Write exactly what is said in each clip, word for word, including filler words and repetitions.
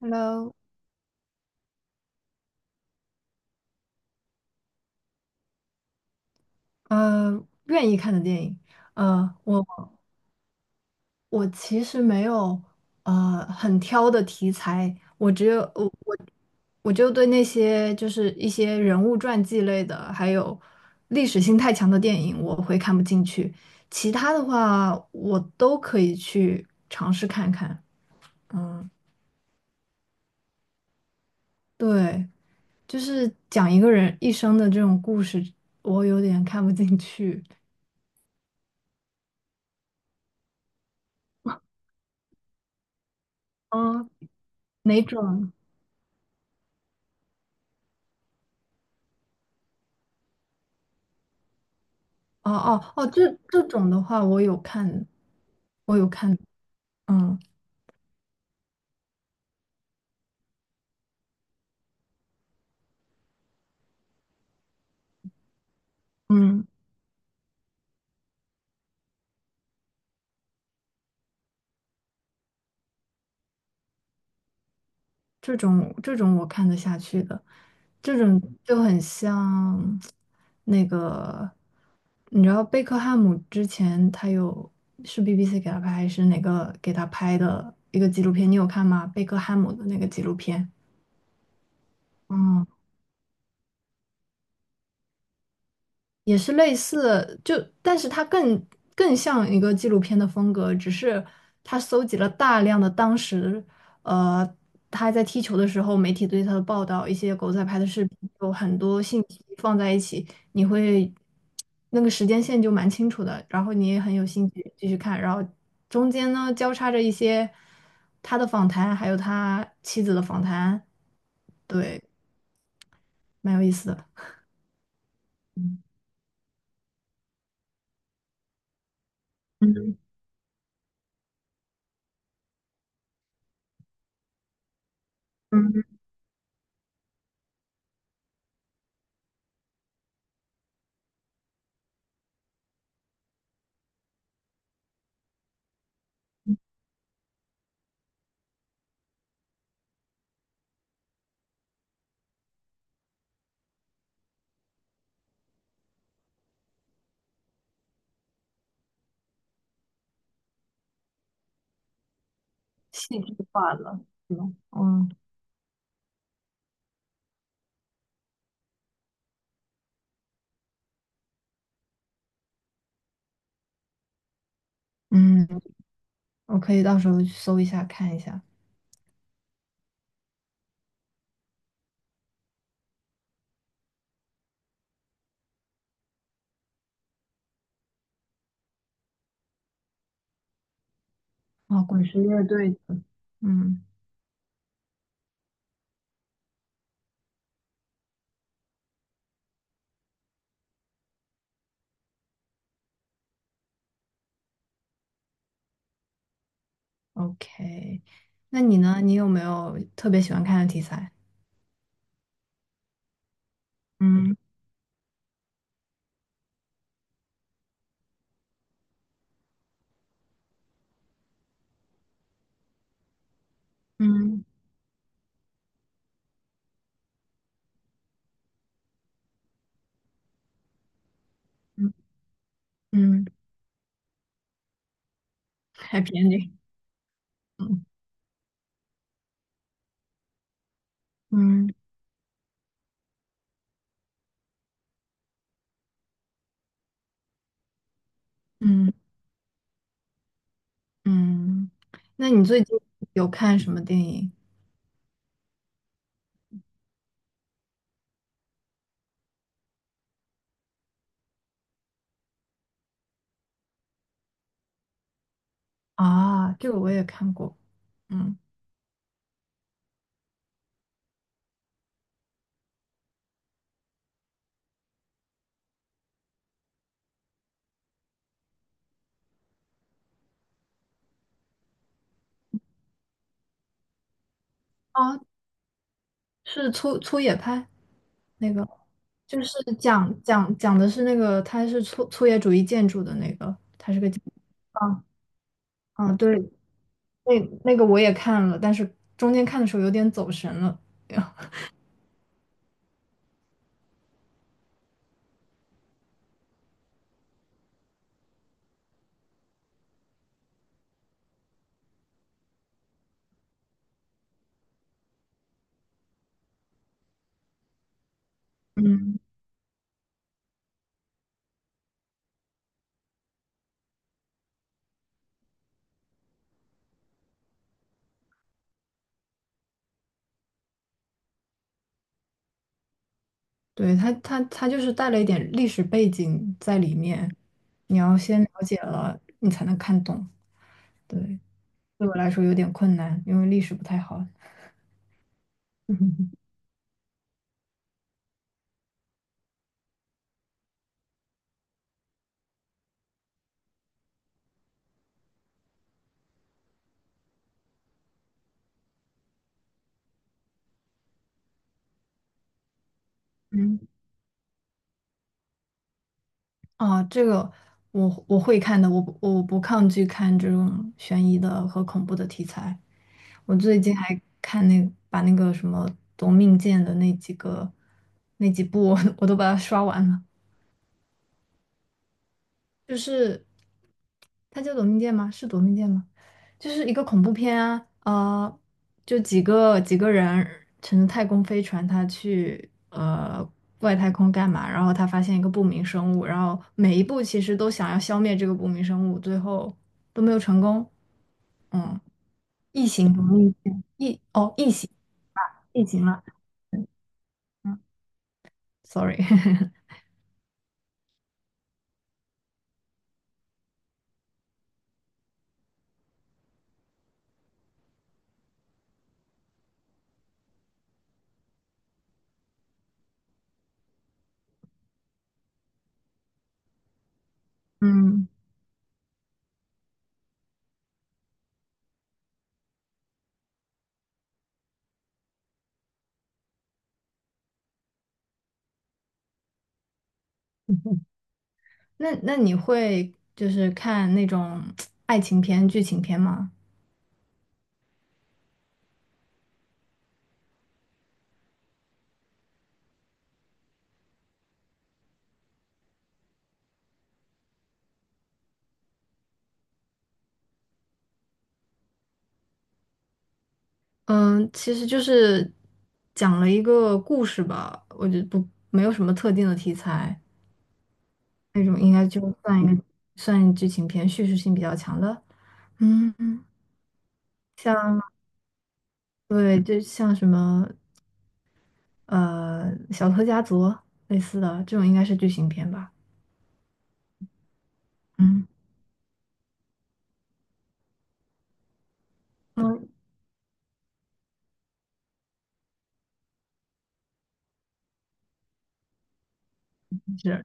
Hello，呃，愿意看的电影，呃，我我其实没有呃很挑的题材，我只有我我我就对那些就是一些人物传记类的，还有历史性太强的电影，我会看不进去。其他的话，我都可以去尝试看看。嗯，对，就是讲一个人一生的这种故事，我有点看不进去。嗯，哪种？哦哦哦，这这种的话，我有看，我有看，嗯嗯，这种这种我看得下去的，这种就很像那个，你知道贝克汉姆之前他有是 B B C 给他拍还是哪个给他拍的一个纪录片，你有看吗？贝克汉姆的那个纪录片，嗯。也是类似，就但是它更更像一个纪录片的风格，只是它搜集了大量的当时，呃，他在踢球的时候，媒体对他的报道，一些狗仔拍的视频，有很多信息放在一起，你会那个时间线就蛮清楚的，然后你也很有兴趣继续看，然后中间呢交叉着一些他的访谈，还有他妻子的访谈，对，蛮有意思的，嗯，嗯，戏剧化了，嗯。嗯嗯，我可以到时候去搜一下看一下。啊，滚石乐队的，嗯，OK。那你呢？你有没有特别喜欢看的题材？嗯嗯嗯嗯，Happy Ending。嗯嗯嗯嗯。那你最近有看什么电影啊？这个我也看过。嗯，啊，是粗粗野派那个，就是讲讲讲的是那个，它是粗粗野主义建筑的那个。啊，啊，对那那个我也看了，但是中间看的时候有点走神了。嗯，对，他他他就是带了一点历史背景在里面，你要先了解了，你才能看懂。对，对我来说有点困难，因为历史不太好。嗯，啊，这个我我会看的，我不我不抗拒看这种悬疑的和恐怖的题材。我最近还看那把那个什么《夺命剑》的那几个那几部 我都把它刷完了。就是它叫《夺命剑》吗？是《夺命剑》吗？就是一个恐怖片啊，呃，就几个几个人乘着太空飞船，他去呃外太空干嘛？然后他发现一个不明生物，然后每一步其实都想要消灭这个不明生物，最后都没有成功。嗯，异形夺命剑，异哦，异形，异形了。嗯嗯，sorry，嗯。那那你会就是看那种爱情片、剧情片吗？嗯，其实就是讲了一个故事吧，我觉得不没有什么特定的题材，那种应该就算一个算剧情片，叙事性比较强的。嗯，像对，就像什么呃《小偷家族》类似的这种，应该是剧情片吧。嗯嗯，是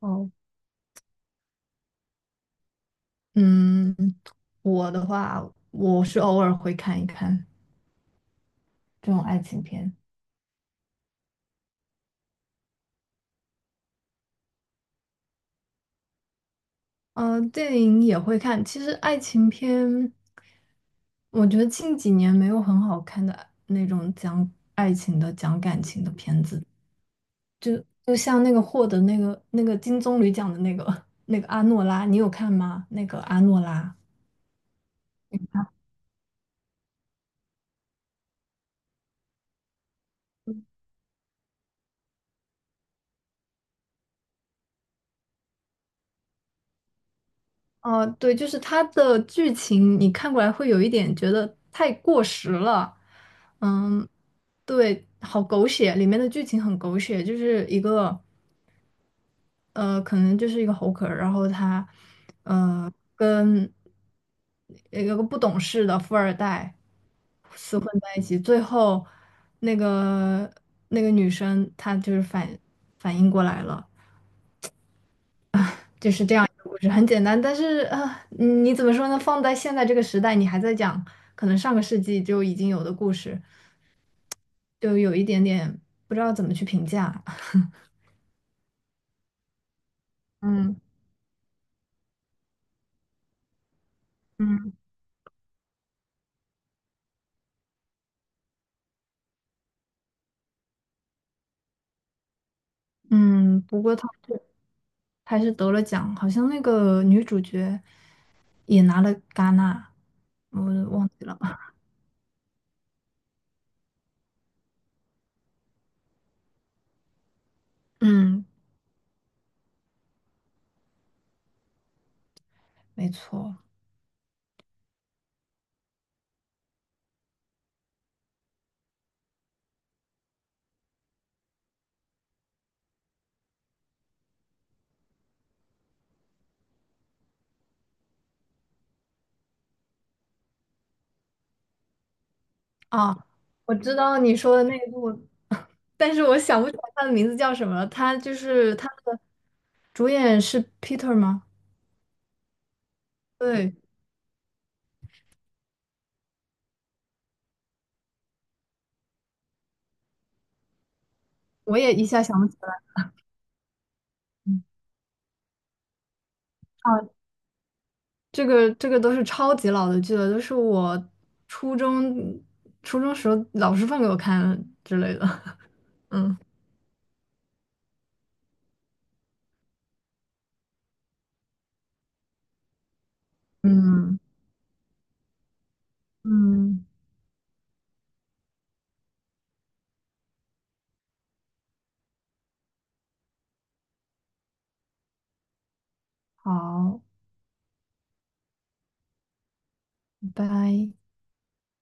哦，嗯，我的话，我是偶尔会看一看。这种爱情片？嗯，电影也会看。其实爱情片，我觉得近几年没有很好看的那种讲爱情的、讲感情的片子。就就像那个获得那个那个金棕榈奖的那个 那个阿诺拉，你有看吗？那个阿诺拉。哦、对，就是它的剧情，你看过来会有一点觉得太过时了。嗯，对，好狗血，里面的剧情很狗血，就是一个。呃，可能就是一个猴壳儿，然后他，呃，跟呃有个不懂事的富二代厮混在一起，最后那个那个女生她就是反反应过来了，就是这样一个故事，很简单，但是啊，你你怎么说呢？放在现在这个时代，你还在讲可能上个世纪就已经有的故事，就有一点点不知道怎么去评价。嗯嗯嗯，不过他。还是得了奖，好像那个女主角也拿了戛纳，我忘记了。嗯，没错。啊，我知道你说的那一部，但是我想不起来他的名字叫什么了。他就是他的主演是 Peter 吗？对，我也一下想不起来。嗯啊，这个这个都是超级老的剧了，都是我初中初中时候老师放给我看之类的。嗯嗯嗯，好，拜拜。